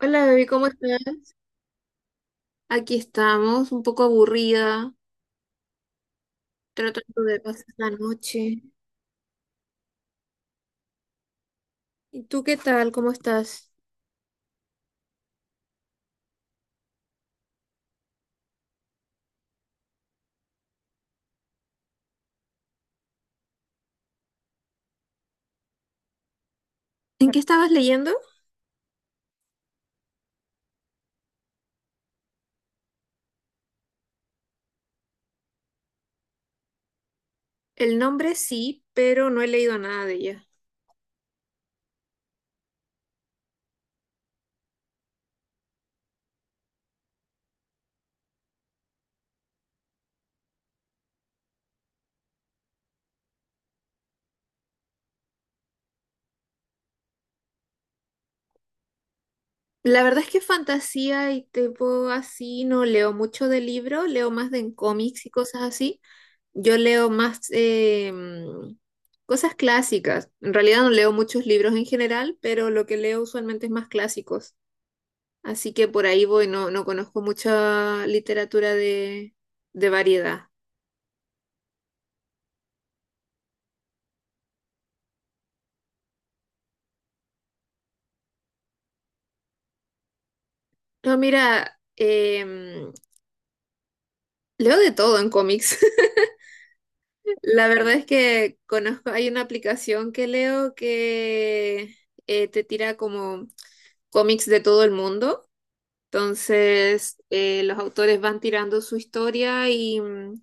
Hola, bebé, ¿cómo estás? Aquí estamos, un poco aburrida, tratando de pasar la noche. ¿Y tú qué tal? ¿Cómo estás? ¿En qué estabas leyendo? El nombre sí, pero no he leído nada de ella. La verdad es que fantasía y tipo así no leo mucho de libro, leo más de en cómics y cosas así. Yo leo más cosas clásicas. En realidad no leo muchos libros en general, pero lo que leo usualmente es más clásicos. Así que por ahí voy, no, no conozco mucha literatura de variedad. No, mira, leo de todo en cómics. La verdad es que conozco, hay una aplicación que leo que te tira como cómics de todo el mundo. Entonces, los autores van tirando su historia y, mm,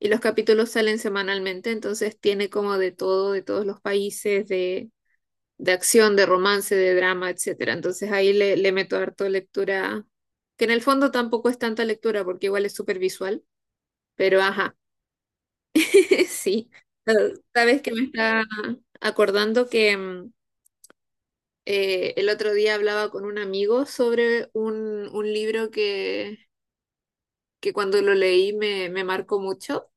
y los capítulos salen semanalmente. Entonces, tiene como de todo, de todos los países, de acción, de romance, de drama, etcétera. Entonces ahí le meto harto lectura, que en el fondo tampoco es tanta lectura porque igual es súper visual, pero ajá, sí. Sabes que me está acordando que el otro día hablaba con un amigo sobre un libro que cuando lo leí me marcó mucho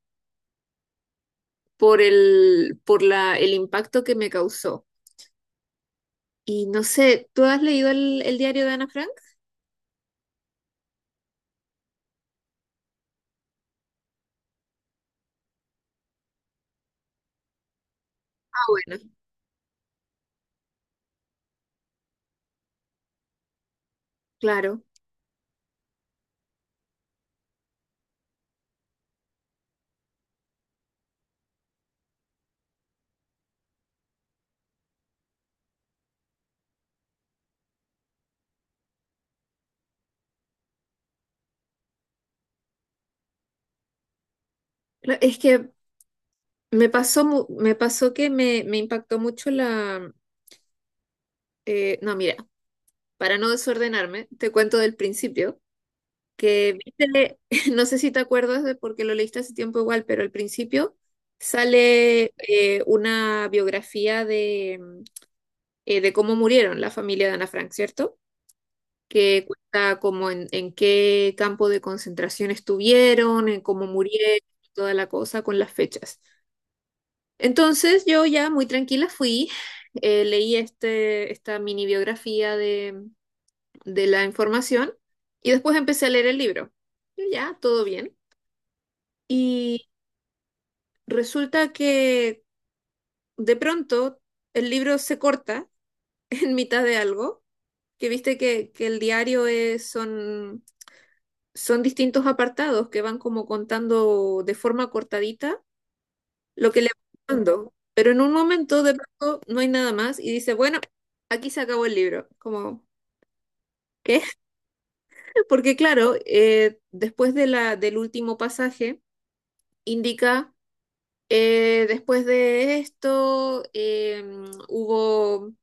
por el, por la, el impacto que me causó. Y no sé, ¿tú has leído el diario de Ana Frank? Ah, bueno, claro. Es que me pasó que me impactó mucho no, mira, para no desordenarme, te cuento del principio, que viste, no sé si te acuerdas de porque lo leíste hace tiempo igual, pero al principio sale una biografía de cómo murieron la familia de Ana Frank, ¿cierto? Que cuenta como en qué campo de concentración estuvieron, en cómo murieron, toda la cosa con las fechas. Entonces yo ya muy tranquila leí esta mini biografía de la información y después empecé a leer el libro. Y ya, todo bien. Y resulta que de pronto el libro se corta en mitad de algo, que viste que el diario son distintos apartados que van como contando de forma cortadita lo que le va dando. Pero en un momento de pronto no hay nada más y dice, bueno, aquí se acabó el libro. Como, ¿qué? Porque claro, después del último pasaje, indica, después de esto, hubo,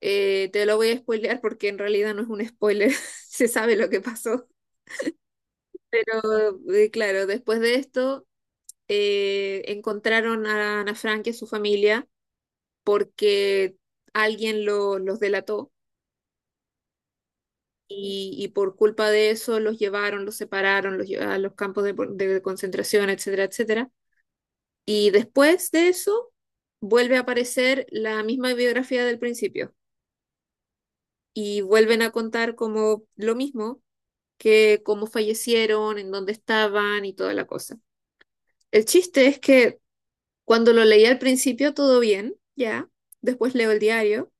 te lo voy a spoilear porque en realidad no es un spoiler, se sabe lo que pasó. Pero claro, después de esto, encontraron a Ana Frank y a su familia porque alguien los delató. Y por culpa de eso los llevaron, los separaron, los llevaron a los campos de concentración, etcétera, etcétera. Y después de eso vuelve a aparecer la misma biografía del principio y vuelven a contar como lo mismo, que cómo fallecieron, en dónde estaban y toda la cosa. El chiste es que cuando lo leí al principio todo bien, ya, después leo el diario.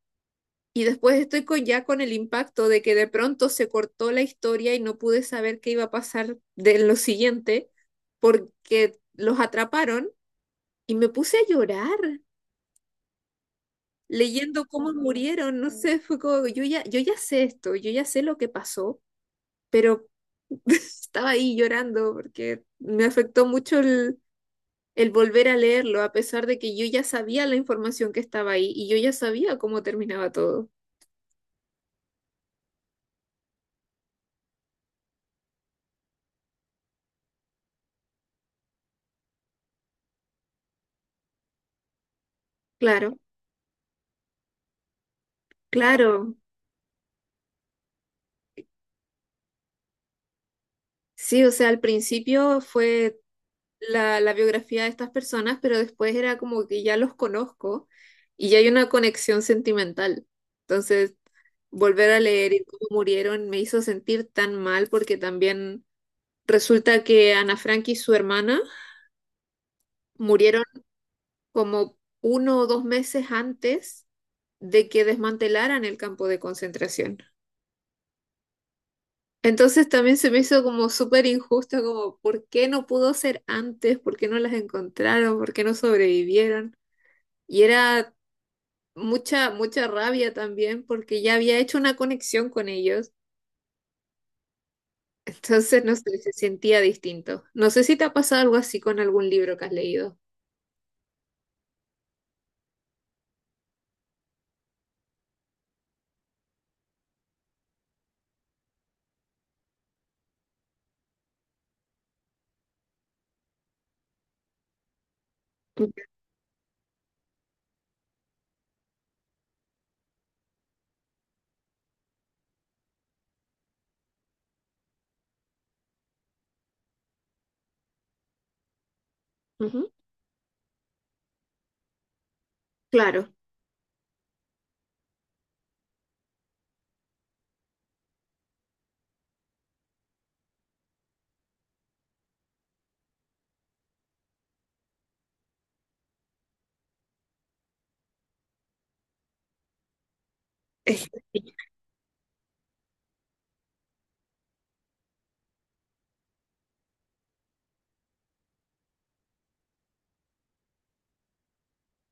Y después estoy ya con el impacto de que de pronto se cortó la historia y no pude saber qué iba a pasar de lo siguiente porque los atraparon y me puse a llorar leyendo cómo murieron. No sé, fue como, yo ya sé esto, yo ya sé lo que pasó, pero estaba ahí llorando porque me afectó mucho el volver a leerlo, a pesar de que yo ya sabía la información que estaba ahí y yo ya sabía cómo terminaba todo. Claro, claro. Sí, o sea, al principio fue la biografía de estas personas, pero después era como que ya los conozco y ya hay una conexión sentimental. Entonces, volver a leer y cómo murieron me hizo sentir tan mal porque también resulta que Ana Frank y su hermana murieron como 1 o 2 meses antes de que desmantelaran el campo de concentración. Entonces también se me hizo como súper injusto, como ¿por qué no pudo ser antes? ¿Por qué no las encontraron? ¿Por qué no sobrevivieron? Y era mucha, mucha rabia también porque ya había hecho una conexión con ellos. Entonces, no sé, se sentía distinto. No sé si te ha pasado algo así con algún libro que has leído. Ujú, claro, es-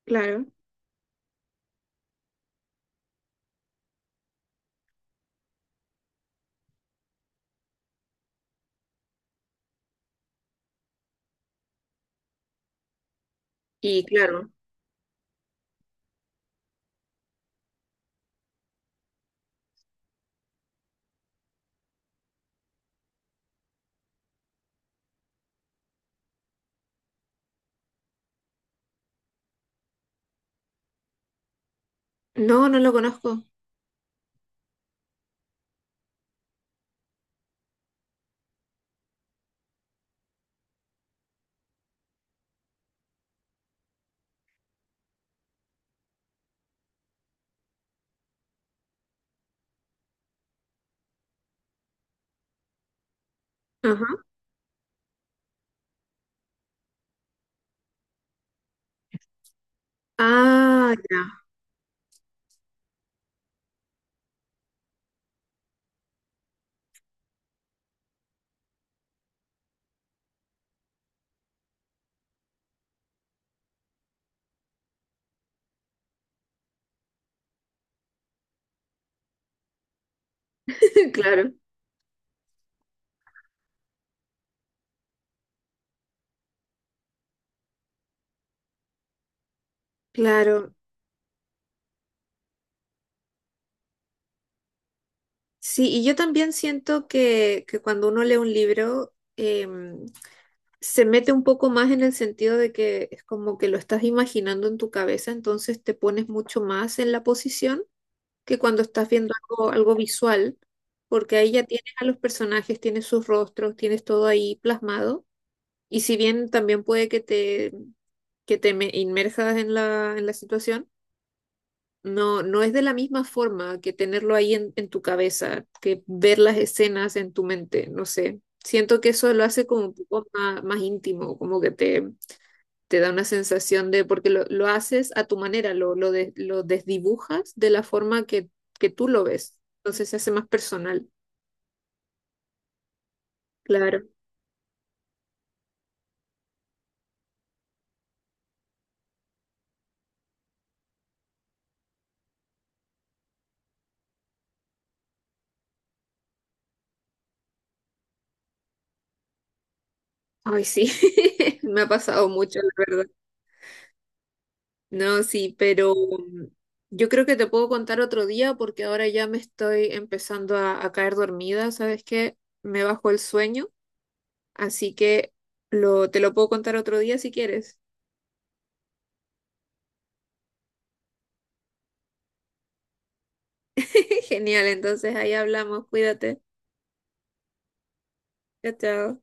claro. Y claro. No, no lo conozco. Ajá. Ah, ya. Claro, claro. Sí, y yo también siento que cuando uno lee un libro se mete un poco más en el sentido de que es como que lo estás imaginando en tu cabeza, entonces te pones mucho más en la posición que cuando estás viendo algo, visual, porque ahí ya tienes a los personajes, tienes sus rostros, tienes todo ahí plasmado. Y si bien también puede que te inmerjas en la situación, no, no es de la misma forma que tenerlo ahí en tu cabeza, que ver las escenas en tu mente, no sé. Siento que eso lo hace como un poco más, más íntimo, como que te da una sensación de, porque lo haces a tu manera, lo desdibujas de la forma que tú lo ves. Entonces se hace más personal. Claro. Ay, sí, me ha pasado mucho, la verdad. No, sí, pero yo creo que te puedo contar otro día porque ahora ya me estoy empezando a caer dormida, ¿sabes qué? Me bajó el sueño, así que te lo puedo contar otro día si quieres. Genial, entonces ahí hablamos, cuídate. Chao, chao.